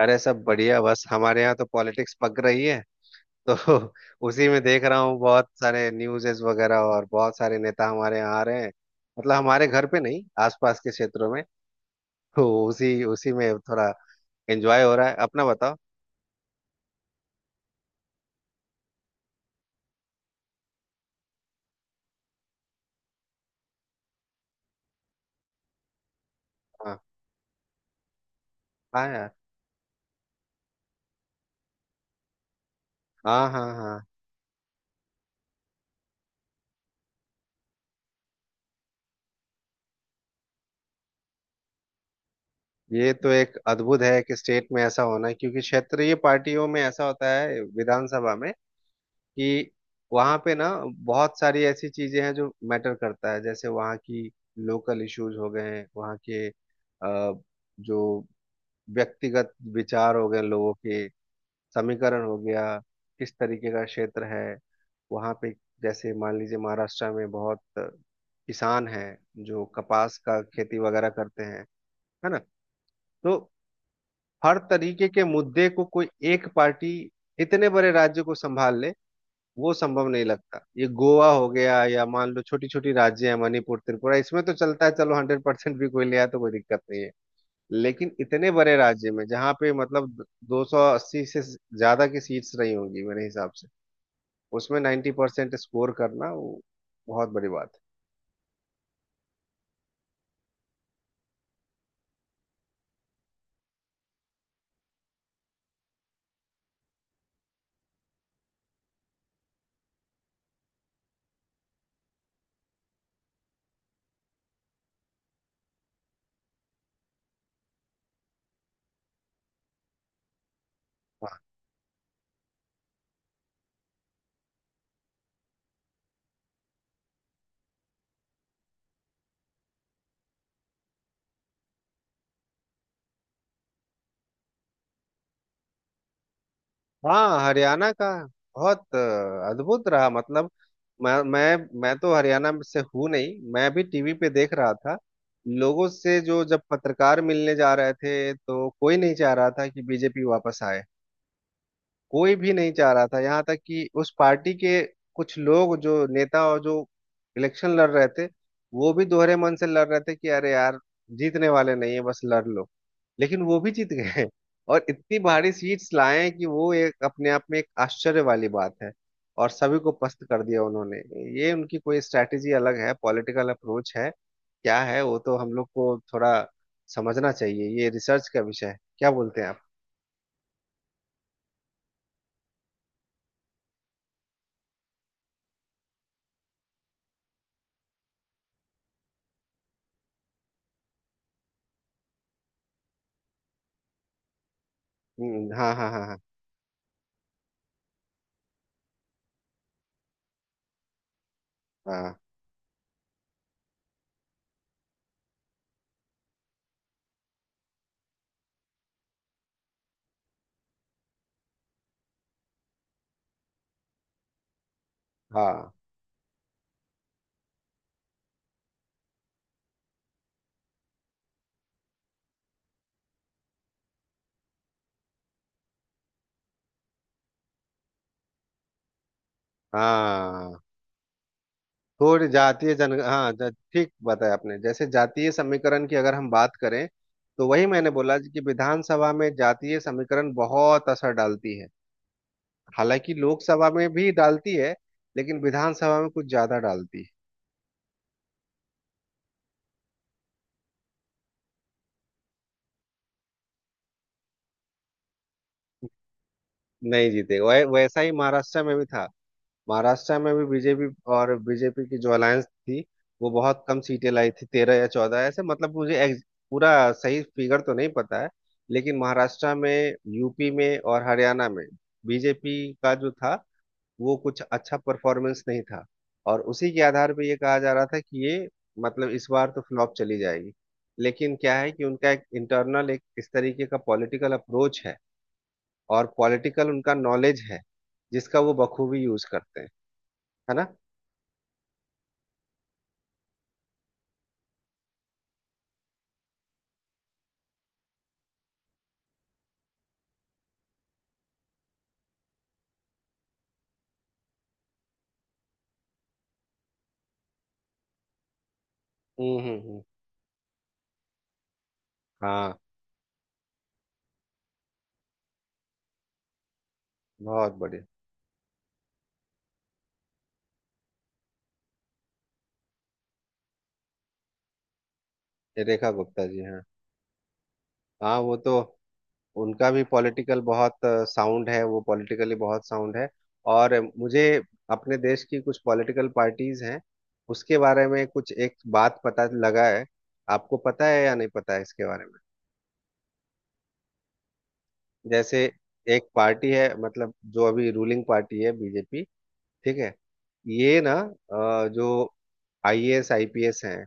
अरे, सब बढ़िया। बस हमारे यहाँ तो पॉलिटिक्स पक रही है, तो उसी में देख रहा हूँ बहुत सारे न्यूज़ेस वगैरह, और बहुत सारे नेता हमारे यहाँ आ रहे हैं। मतलब हमारे घर पे नहीं, आसपास के क्षेत्रों में। तो उसी उसी में थोड़ा एंजॉय हो रहा है। अपना बताओ। हाँ। हाँ यार। हाँ, हाँ, हाँ। ये तो एक अद्भुत है कि स्टेट में ऐसा होना, क्योंकि क्षेत्रीय पार्टियों में ऐसा होता है विधानसभा में कि वहाँ पे ना बहुत सारी ऐसी चीजें हैं जो मैटर करता है। जैसे वहाँ की लोकल इश्यूज हो गए हैं, वहाँ के जो व्यक्तिगत विचार हो गए लोगों के, समीकरण हो गया, किस तरीके का क्षेत्र है वहाँ पे। जैसे मान लीजिए महाराष्ट्र में बहुत किसान हैं जो कपास का खेती वगैरह करते हैं, है ना। तो हर तरीके के मुद्दे को कोई एक पार्टी इतने बड़े राज्य को संभाल ले, वो संभव नहीं लगता। ये गोवा हो गया या मान लो छोटी छोटी राज्य है मणिपुर त्रिपुरा, इसमें तो चलता है, चलो 100% भी कोई ले आया तो कोई दिक्कत नहीं है। लेकिन इतने बड़े राज्य में जहाँ पे मतलब 280 से ज्यादा की सीट्स रही होंगी मेरे हिसाब से, उसमें 90% स्कोर करना वो बहुत बड़ी बात है। हाँ, हरियाणा का बहुत अद्भुत रहा। मतलब मैं तो हरियाणा में से हूँ नहीं, मैं भी टीवी पे देख रहा था। लोगों से जो जब पत्रकार मिलने जा रहे थे तो कोई नहीं चाह रहा था कि बीजेपी वापस आए। कोई भी नहीं चाह रहा था, यहाँ तक कि उस पार्टी के कुछ लोग जो नेता और जो इलेक्शन लड़ रहे थे वो भी दोहरे मन से लड़ रहे थे कि अरे यार जीतने वाले नहीं है, बस लड़ लो। लेकिन वो भी जीत गए और इतनी भारी सीट्स लाए कि वो एक अपने आप में एक आश्चर्य वाली बात है, और सभी को पस्त कर दिया उन्होंने। ये उनकी कोई स्ट्रैटेजी अलग है, पॉलिटिकल अप्रोच है, क्या है वो तो हम लोग को थोड़ा समझना चाहिए। ये रिसर्च का विषय है। क्या बोलते हैं आप? हाँ, हाँ, हाँ, हाँ। हाँ, हाँ, हाँ। थोड़ी जातीय जन हाँ, ठीक बताया आपने। जैसे जातीय समीकरण की अगर हम बात करें, तो वही मैंने बोला कि विधानसभा में जातीय समीकरण बहुत असर डालती है। हालांकि लोकसभा में भी डालती है, लेकिन विधानसभा में कुछ ज्यादा डालती है। नहीं जीते। वैसा ही महाराष्ट्र में भी था। महाराष्ट्र में भी बीजेपी और बीजेपी की जो अलायंस थी वो बहुत कम सीटें लाई थी, 13 या 14 ऐसे, मतलब मुझे पूरा सही फिगर तो नहीं पता है। लेकिन महाराष्ट्र में, यूपी में और हरियाणा में बीजेपी का जो था वो कुछ अच्छा परफॉर्मेंस नहीं था, और उसी के आधार पे ये कहा जा रहा था कि ये मतलब इस बार तो फ्लॉप चली जाएगी। लेकिन क्या है कि उनका एक इंटरनल एक इस तरीके का पॉलिटिकल अप्रोच है, और पॉलिटिकल उनका नॉलेज है जिसका वो बखूबी यूज करते हैं, है ना। हम्म, हम्म, हम्म। हाँ, बहुत बढ़िया। ये रेखा गुप्ता जी हैं। हाँ वो तो उनका भी पॉलिटिकल बहुत साउंड है, वो पॉलिटिकली बहुत साउंड है। और मुझे अपने देश की कुछ पॉलिटिकल पार्टीज हैं उसके बारे में कुछ एक बात पता लगा है। आपको पता है या नहीं पता है इसके बारे में? जैसे एक पार्टी है, मतलब जो अभी रूलिंग पार्टी है, बीजेपी, ठीक है। ये ना जो आईएएस आईपीएस हैं,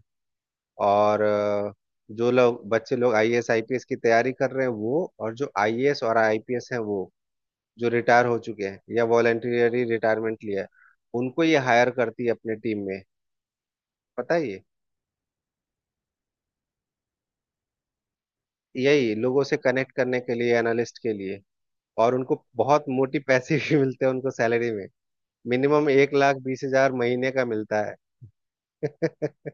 और जो लोग, बच्चे लोग आईएएस आईपीएस की तैयारी कर रहे हैं वो, और जो आईएएस और आईपीएस हैं वो जो रिटायर हो चुके हैं या वॉलंटियरली रिटायरमेंट लिया है, उनको ये हायर करती है अपने टीम में। पता है ये? यही, लोगों से कनेक्ट करने के लिए, एनालिस्ट के लिए। और उनको बहुत मोटी पैसे भी मिलते हैं, उनको सैलरी में मिनिमम 1,20,000 महीने का मिलता है।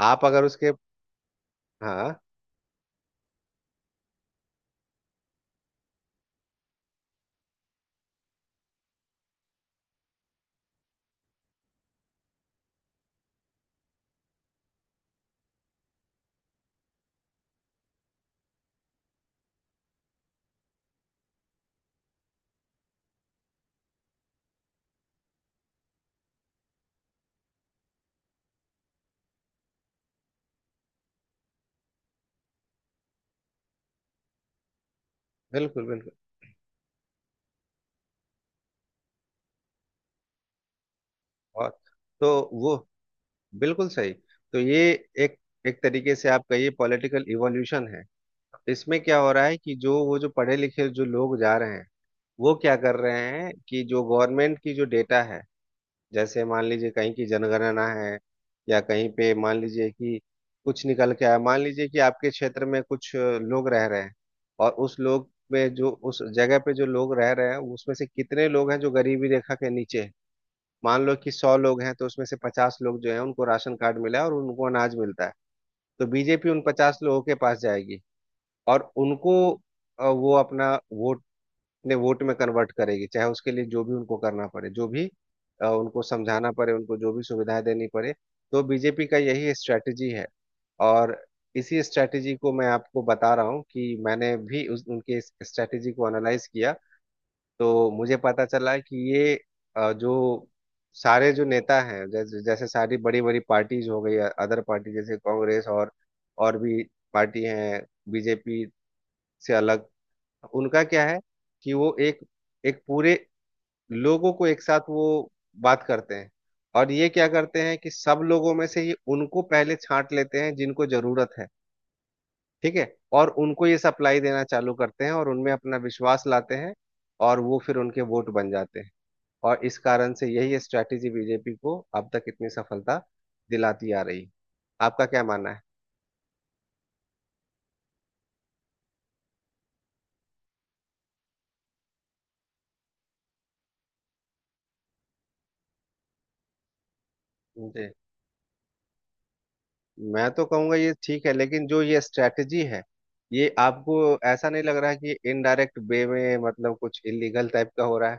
आप अगर उसके। हाँ। बिल्कुल, बिल्कुल। और तो वो बिल्कुल सही। तो ये एक, एक तरीके से आप कहिए पॉलिटिकल इवोल्यूशन है। इसमें क्या हो रहा है कि जो वो जो पढ़े लिखे जो लोग जा रहे हैं, वो क्या कर रहे हैं कि जो गवर्नमेंट की जो डेटा है, जैसे मान लीजिए कहीं की जनगणना है, या कहीं पे मान लीजिए कि कुछ निकल के आया, मान लीजिए कि आपके क्षेत्र में कुछ लोग रह रहे हैं, और उस लोग में जो उस जगह पे जो लोग रह रहे हैं उसमें से कितने लोग हैं जो गरीबी रेखा के नीचे हैं। मान लो कि 100 लोग हैं, तो उसमें से 50 लोग जो है उनको राशन कार्ड मिला है और उनको अनाज मिलता है। तो बीजेपी उन 50 लोगों के पास जाएगी, और उनको वो अपना वोट अपने वोट में कन्वर्ट करेगी, चाहे उसके लिए जो भी उनको करना पड़े, जो भी उनको समझाना पड़े, उनको जो भी सुविधाएं देनी पड़े। तो बीजेपी का यही स्ट्रैटेजी है। और इसी स्ट्रैटेजी को मैं आपको बता रहा हूँ कि मैंने भी उनके इस स्ट्रैटेजी को एनालाइज किया, तो मुझे पता चला कि ये जो सारे जो नेता हैं, जैसे जैसे सारी बड़ी बड़ी पार्टीज हो गई अदर पार्टी, जैसे कांग्रेस और भी पार्टी हैं बीजेपी से अलग, उनका क्या है कि वो एक एक पूरे लोगों को एक साथ वो बात करते हैं। और ये क्या करते हैं कि सब लोगों में से ये उनको पहले छांट लेते हैं जिनको जरूरत है, ठीक है, और उनको ये सप्लाई देना चालू करते हैं और उनमें अपना विश्वास लाते हैं, और वो फिर उनके वोट बन जाते हैं। और इस कारण से यही स्ट्रैटेजी बीजेपी को अब तक इतनी सफलता दिलाती आ रही। आपका क्या मानना है? जी, मैं तो कहूंगा ये ठीक है, लेकिन जो ये स्ट्रैटेजी है ये आपको ऐसा नहीं लग रहा है कि इनडायरेक्ट वे में मतलब कुछ इलीगल टाइप का हो रहा है?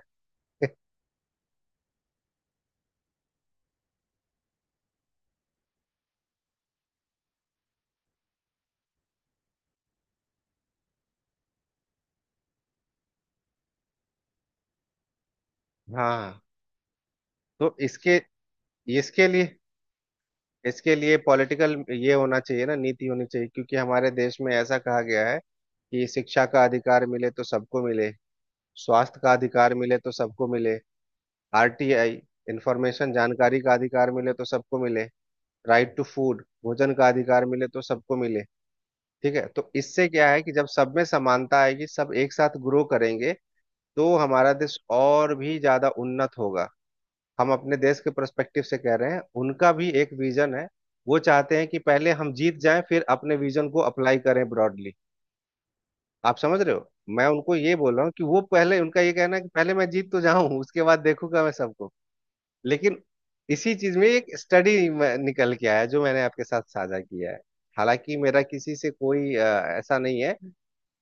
हाँ, तो इसके, इसके लिए, इसके लिए पॉलिटिकल ये होना चाहिए ना, नीति होनी चाहिए, क्योंकि हमारे देश में ऐसा कहा गया है कि शिक्षा का अधिकार मिले तो सबको मिले, स्वास्थ्य का अधिकार मिले तो सबको मिले, आरटीआई इंफॉर्मेशन जानकारी का अधिकार मिले तो सबको मिले, राइट टू फूड भोजन का अधिकार मिले तो सबको मिले। ठीक है, तो इससे क्या है कि जब सब में समानता आएगी सब एक साथ ग्रो करेंगे तो हमारा देश और भी ज्यादा उन्नत होगा। हम अपने देश के पर्सपेक्टिव से कह रहे हैं, उनका भी एक विजन है। वो चाहते हैं कि पहले हम जीत जाएं फिर अपने विजन को अप्लाई करें ब्रॉडली। आप समझ रहे हो? मैं उनको ये बोल रहा हूँ कि वो पहले, उनका ये कहना है कि पहले मैं जीत तो जाऊं उसके बाद देखूंगा मैं सबको। लेकिन इसी चीज में एक स्टडी निकल के आया जो मैंने आपके साथ साझा किया है। हालांकि मेरा किसी से कोई ऐसा नहीं है।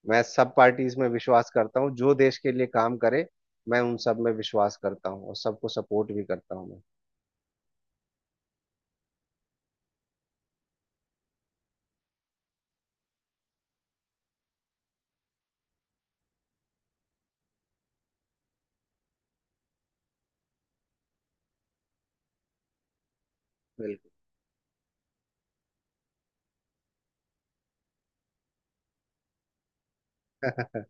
मैं सब पार्टीज में विश्वास करता हूँ जो देश के लिए काम करे, मैं उन सब में विश्वास करता हूँ और सबको सपोर्ट भी करता हूँ मैं। बिल्कुल।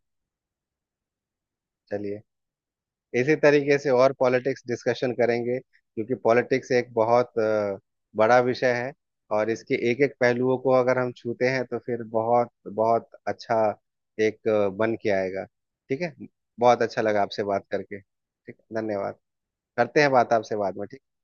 चलिए, इसी तरीके से और पॉलिटिक्स डिस्कशन करेंगे, क्योंकि पॉलिटिक्स एक बहुत बड़ा विषय है, और इसके एक एक पहलुओं को अगर हम छूते हैं तो फिर बहुत बहुत अच्छा एक बन के आएगा। ठीक है। बहुत अच्छा लगा आपसे बात करके, ठीक है, धन्यवाद। करते हैं बात आपसे बाद में।